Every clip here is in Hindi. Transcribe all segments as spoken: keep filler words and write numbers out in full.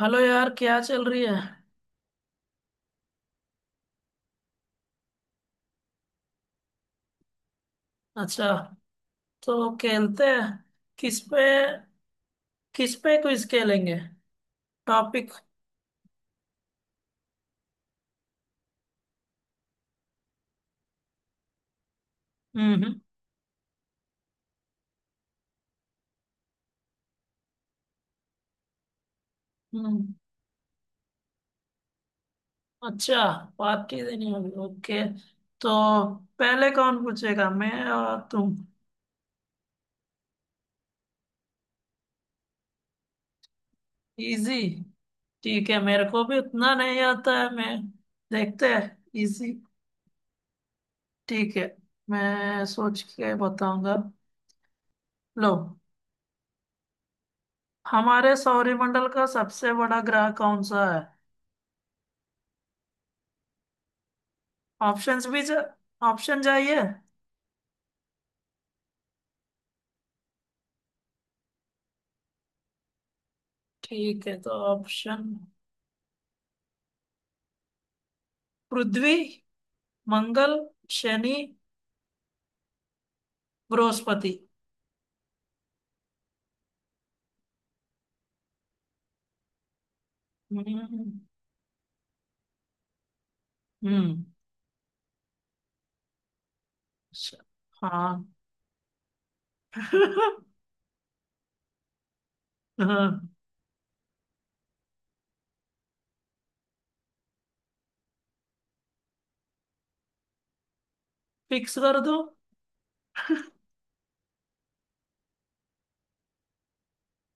हेलो यार, क्या चल रही है? अच्छा। तो खेलते हैं। किस पे किस पे क्विज खेलेंगे? टॉपिक? हम्म। हम्म। अच्छा। पार्टी देनी होगी ओके। तो पहले कौन पूछेगा, मैं और तुम? इजी? ठीक है, मेरे को भी उतना नहीं आता है। मैं देखते हैं। इजी। ठीक है। मैं सोच के बताऊंगा। लो। हमारे सौरमंडल का सबसे बड़ा ग्रह कौन सा है? ऑप्शंस भी चा, ऑप्शन चाहिए। ठीक है तो ऑप्शन, पृथ्वी, मंगल, शनि, बृहस्पति। हम्म। हम्म। श- हाँ। हाँ। फिक्स कर दो।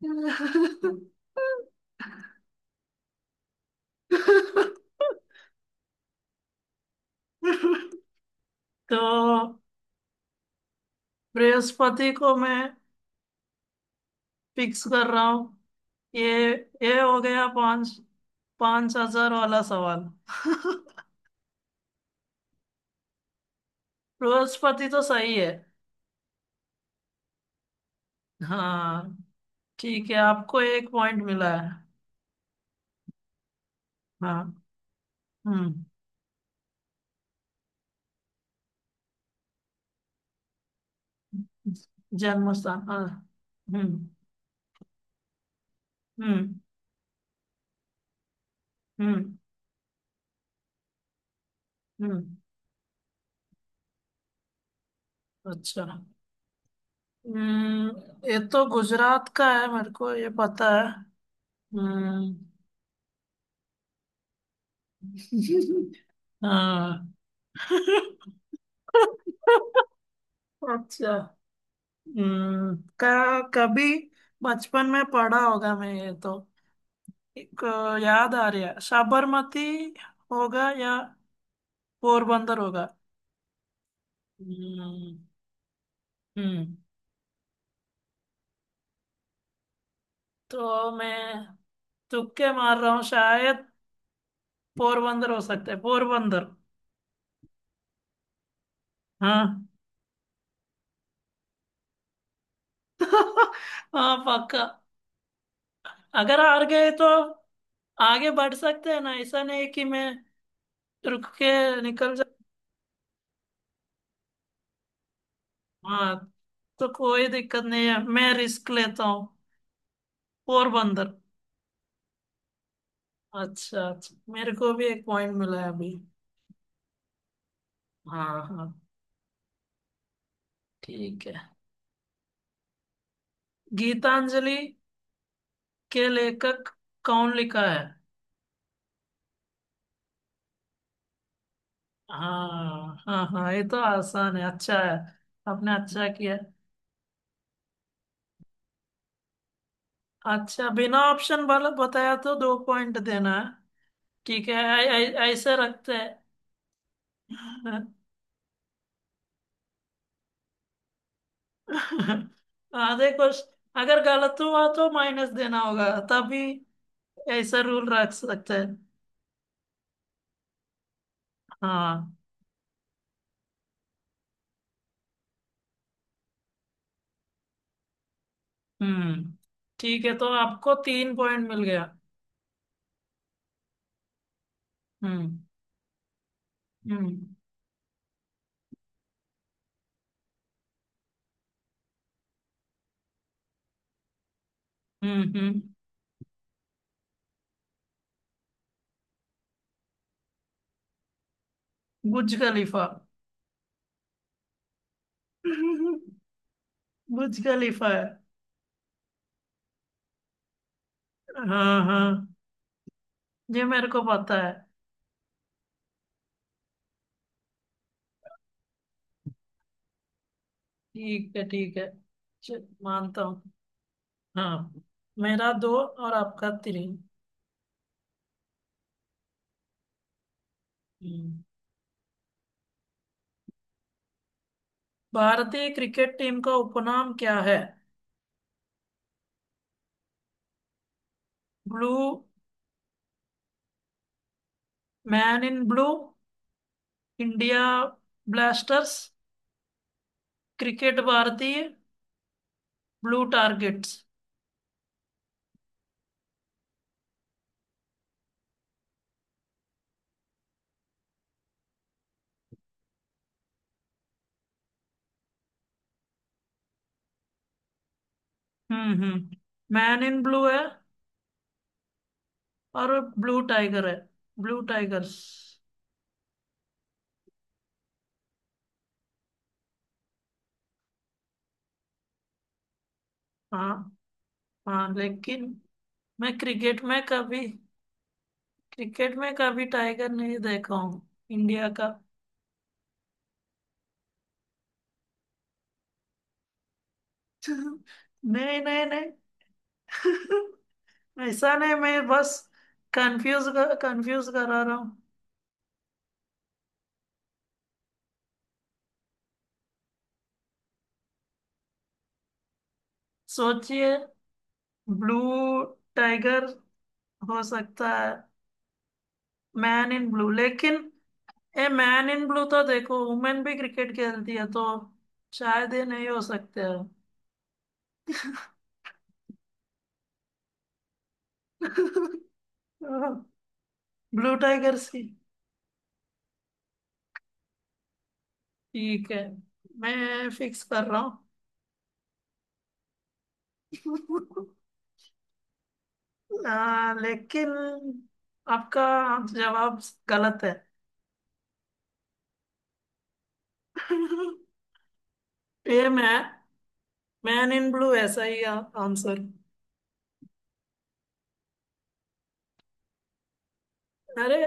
तो बृहस्पति को मैं फिक्स कर रहा हूँ। ये ये हो गया पांच। पांच हजार वाला सवाल। बृहस्पति तो सही है। हाँ ठीक है, आपको एक पॉइंट मिला है। हाँ। हम्म। जन्म स्थान हाँ। हम्म। हम्म। हम्म। हम्म। अच्छा। हम्म ये तो गुजरात का है, मेरे को ये पता है। हम्म। हाँ। अच्छा। हम्म का कभी बचपन में पढ़ा होगा, मैं ये तो एक अ, याद आ रहा है, साबरमती होगा या पोरबंदर होगा। हम्म। हम्म। तो मैं तुक्के मार रहा हूँ शायद। पोरबंदर हो सकता है, पोरबंदर। हाँ। हाँ पक्का। अगर हार गए तो आगे बढ़ सकते हैं ना? ऐसा नहीं कि मैं रुक के निकल जा। हाँ। तो कोई दिक्कत नहीं है, मैं रिस्क लेता हूँ। पोरबंदर। अच्छा अच्छा, मेरे को भी एक पॉइंट मिला है अभी। हाँ। हाँ ठीक है। गीतांजलि के लेखक कौन लिखा है? हाँ, हाँ, हाँ, ये तो आसान है, अच्छा है। आपने अच्छा किया। अच्छा, बिना ऑप्शन वाला बताया तो दो पॉइंट देना है। ठीक है ऐ- ऐ- ऐसे रखते हैं। आधे क्वेश्चन अगर गलत हुआ तो माइनस देना होगा तभी। ऐसा रूल रख सकते हैं। हाँ। हम्म। ठीक है, तो आपको तीन पॉइंट मिल गया। हम्म। हम्म। हम्म। हम्म। बुर्ज खलीफा। बुर्ज खलीफा है। हाँ हाँ, ये मेरे को पता है। ठीक है, ठीक है, चल, मानता हूँ। हाँ। मेरा दो और आपका तीन। हम्म। भारतीय क्रिकेट टीम का उपनाम क्या है? Blue, man in blue, India blasters, cricket भारतीय, ब्लू टारगेट्स। हम्म। हम्म। मैन इन ब्लू है, और ब्लू टाइगर है, ब्लू टाइगर्स। हाँ हाँ, लेकिन मैं क्रिकेट में कभी क्रिकेट में कभी टाइगर नहीं देखा हूँ इंडिया का। नहीं, नहीं, नहीं। ऐसा नहीं, मैं बस कंफ्यूज कर कंफ्यूज करा रहा हूँ। सोचिए, ब्लू टाइगर हो सकता है, मैन इन ब्लू, लेकिन ए मैन इन ब्लू, तो देखो वुमेन भी क्रिकेट खेलती है, तो शायद ये नहीं हो सकते हैं। ब्लू टाइगर सी। ठीक है, मैं फिक्स कर रहा हूँ। आ, लेकिन आपका जवाब गलत है। ये मैं मैन इन ब्लू ऐसा ही आंसर। अरे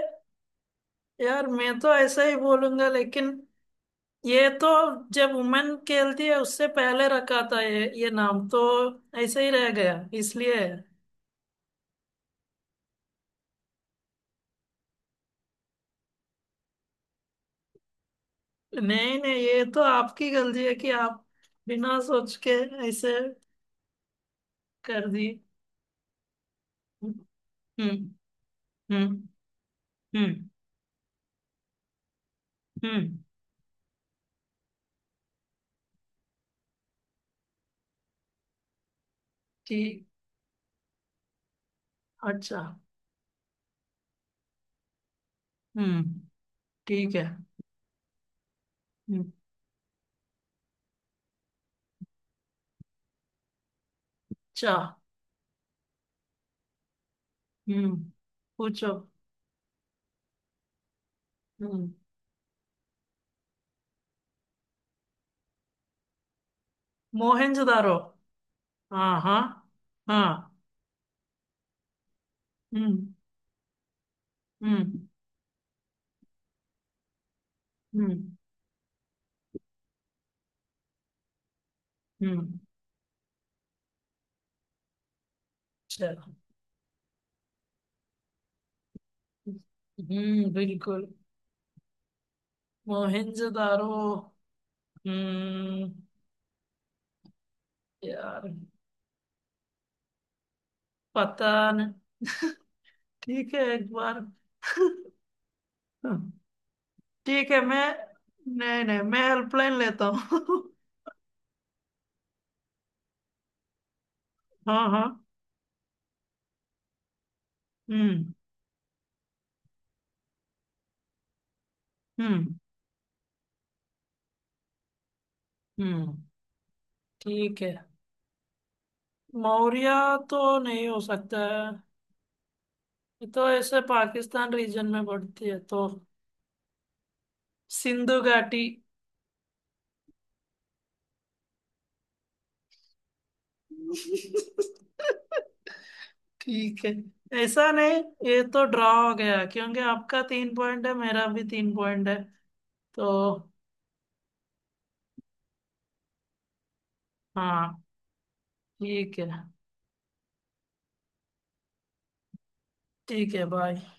यार, मैं तो ऐसा ही बोलूंगा, लेकिन ये तो जब वुमेन खेलती है उससे पहले रखा था, ये ये नाम तो ऐसे ही रह गया इसलिए। नहीं नहीं, ये तो आपकी गलती है कि आप बिना सोच के ऐसे कर दी। हम्म। हम्म। हम्म। हम्म। हम्म, ठीक। अच्छा। हम्म ठीक है। हम्म। अच्छा। हम्म। पूछो। हम्म। मोहनजोदारो। हाँ हाँ। हाँ। हम्म। हम्म। हम्म। हम्म। चलो। हम्म बिल्कुल। मोहनजोदारो। हम्म। यार, पता नहीं। ठीक है, एक बार। ठीक है, मैं, नहीं नहीं, मैं हेल्पलाइन लेता हूँ। हाँ हाँ। हम्म। हम्म। हम्म। ठीक है, मौर्य तो नहीं हो सकता है। ये तो ऐसे पाकिस्तान रीजन में पड़ती है, तो सिंधु घाटी। ठीक है, ऐसा नहीं, ये तो ड्रॉ हो गया क्योंकि आपका तीन पॉइंट है, मेरा भी तीन पॉइंट है तो। हाँ ठीक है। ठीक है, बाय।